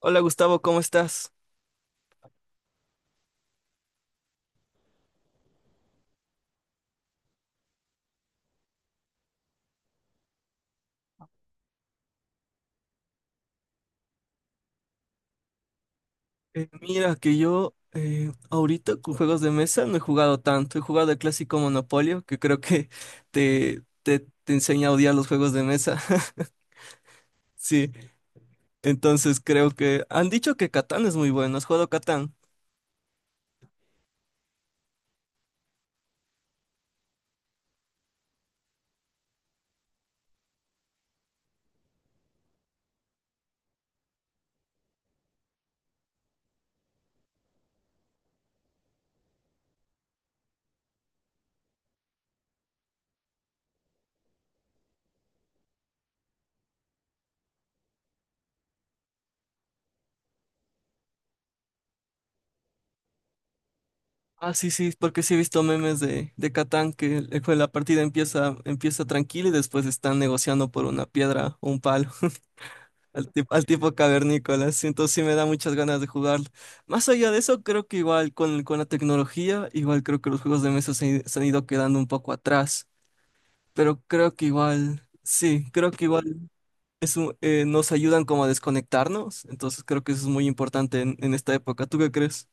Hola Gustavo, ¿cómo estás? Mira que yo ahorita con juegos de mesa no he jugado tanto, he jugado el clásico Monopolio, que creo que te enseña a odiar los juegos de mesa. Sí, entonces creo que han dicho que Catán es muy bueno, ¿has jugado Catán? Ah, sí, sí, porque sí he visto memes de Catán que la partida empieza, empieza tranquila y después están negociando por una piedra o un palo. Al tipo cavernícola, sí, entonces sí me da muchas ganas de jugarlo. Más allá de eso, creo que igual con la tecnología, igual creo que los juegos de mesa se han ido quedando un poco atrás, pero creo que igual, sí, creo que igual nos ayudan como a desconectarnos, entonces creo que eso es muy importante en esta época. ¿Tú qué crees?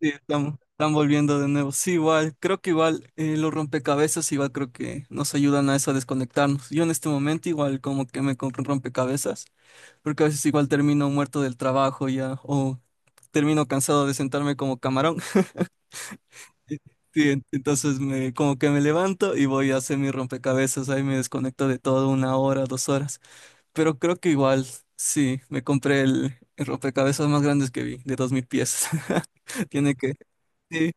Sí, están volviendo de nuevo. Sí, igual, creo que igual los rompecabezas igual creo que nos ayudan a eso, a desconectarnos. Yo en este momento igual como que me compré un rompecabezas, porque a veces igual termino muerto del trabajo ya, o termino cansado de sentarme como camarón. Sí, entonces como que me levanto y voy a hacer mi rompecabezas, ahí me desconecto de todo una hora, dos horas, pero creo que igual, sí, me compré el rompecabezas más grande que vi, de 2000 piezas. Tiene que, sí,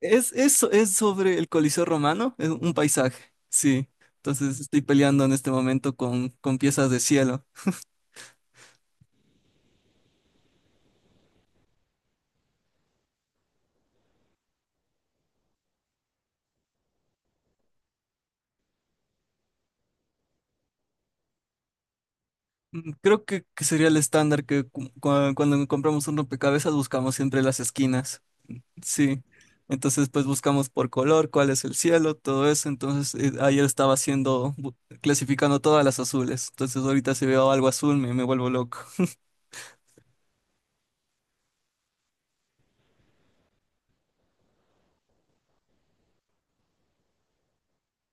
es, eso es sobre el Coliseo Romano, es un paisaje, sí, entonces estoy peleando en este momento con piezas de cielo. Creo que sería el estándar que cuando compramos un rompecabezas buscamos siempre las esquinas. Sí. Entonces, pues buscamos por color, cuál es el cielo, todo eso. Entonces, ayer estaba haciendo, clasificando todas las azules. Entonces, ahorita si veo algo azul, me vuelvo loco.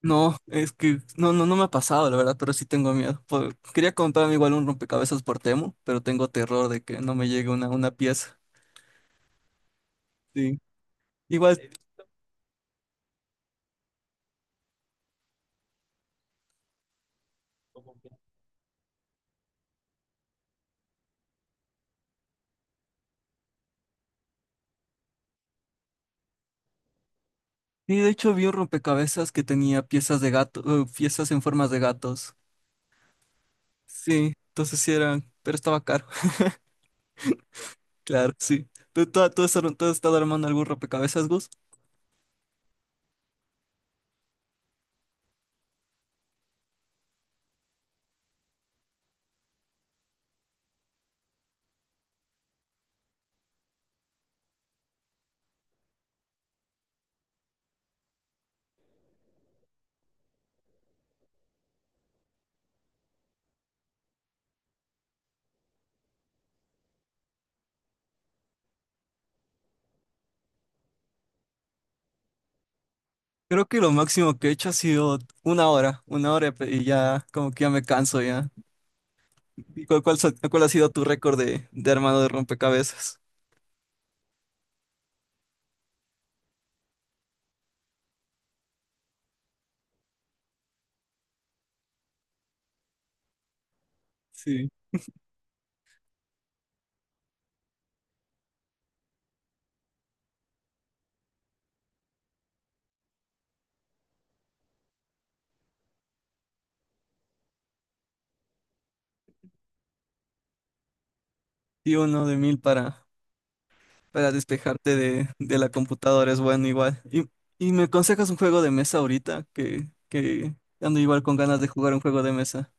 No, es que no, no, no me ha pasado, la verdad, pero sí tengo miedo. Quería comprarme igual un rompecabezas por Temu, pero tengo terror de que no me llegue una pieza. Sí. Igual. Y de hecho vi un rompecabezas que tenía piezas de gato, piezas en formas de gatos. Sí, entonces sí eran, pero estaba caro. Claro, sí. ¿Tú has, tú has estado armando algún rompecabezas, Gus? Creo que lo máximo que he hecho ha sido una hora y ya como que ya me canso ya. ¿Y cuál ha sido tu récord de armado de rompecabezas? Sí. Y uno de mil para despejarte de la computadora, es bueno igual. Y me aconsejas un juego de mesa ahorita, que ando igual con ganas de jugar un juego de mesa.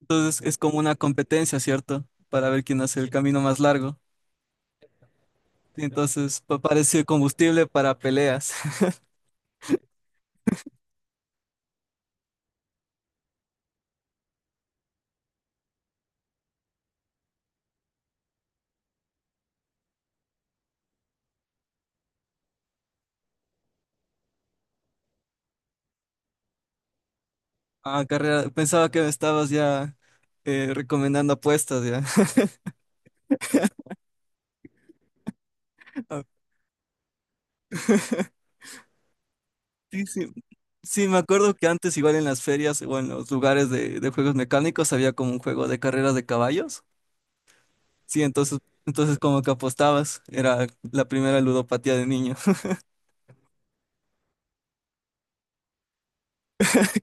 Entonces es como una competencia, ¿cierto? Para ver quién hace el camino más largo. Y entonces parece combustible para peleas. Ah, carrera, pensaba que me estabas ya recomendando apuestas, ya. Ah, sí, sí. Sí, me acuerdo que antes igual en las ferias o en los lugares de juegos mecánicos había como un juego de carreras de caballos. Sí, entonces, entonces como que apostabas, era la primera ludopatía de niño.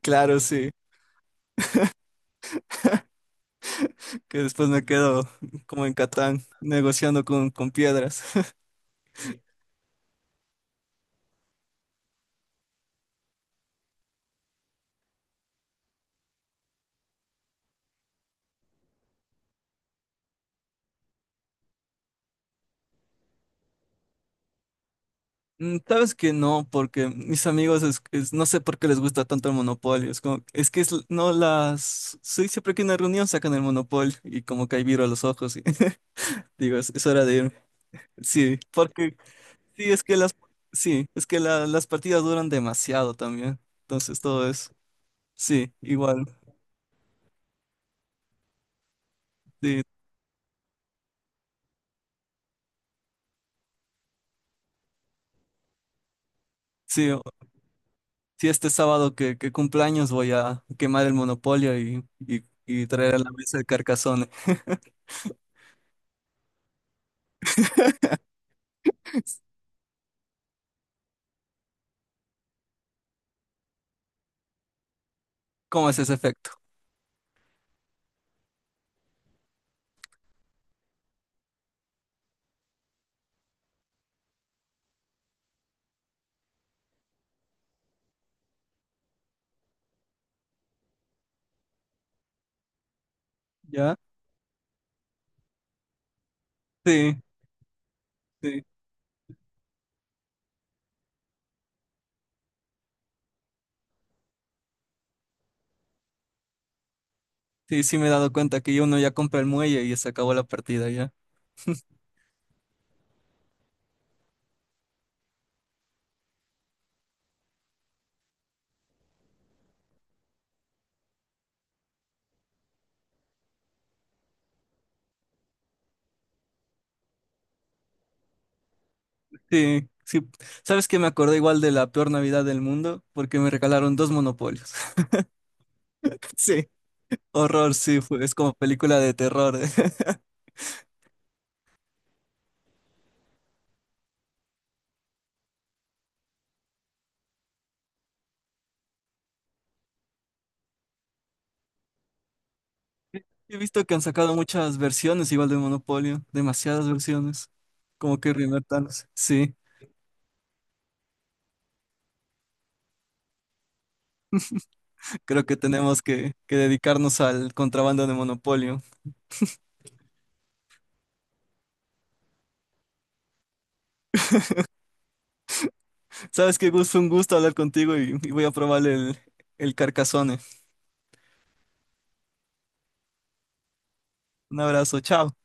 Claro, sí, que después me quedo como en Catán, negociando con piedras. Sabes que no, porque mis amigos, no sé por qué les gusta tanto el monopolio. Es, como, es que es, no las... Sí, siempre que hay una reunión sacan el monopolio y como que hay viro a los ojos, y digo, es hora de irme. Sí, porque sí, es que las, sí, es que las partidas duran demasiado también. Entonces todo es, sí, igual. Sí. Sí, sí, este sábado que cumpleaños voy a quemar el monopolio y traer a la mesa el carcazón. ¿Cómo es ese efecto? ¿Ya? Sí, sí, sí, sí me he dado cuenta que uno ya compra el muelle y se acabó la partida ya. Sí, sí. ¿Sabes que? Me acordé igual de la peor Navidad del mundo porque me regalaron dos monopolios. Sí. Horror, sí, es como película de terror. He visto que han sacado muchas versiones igual de Monopolio, demasiadas versiones. Como que reinventándose. Sí. Creo que tenemos que dedicarnos al contrabando de Monopolio. Sabes que Gus, fue un gusto hablar contigo y voy a probar el Carcassonne. Un abrazo, chao.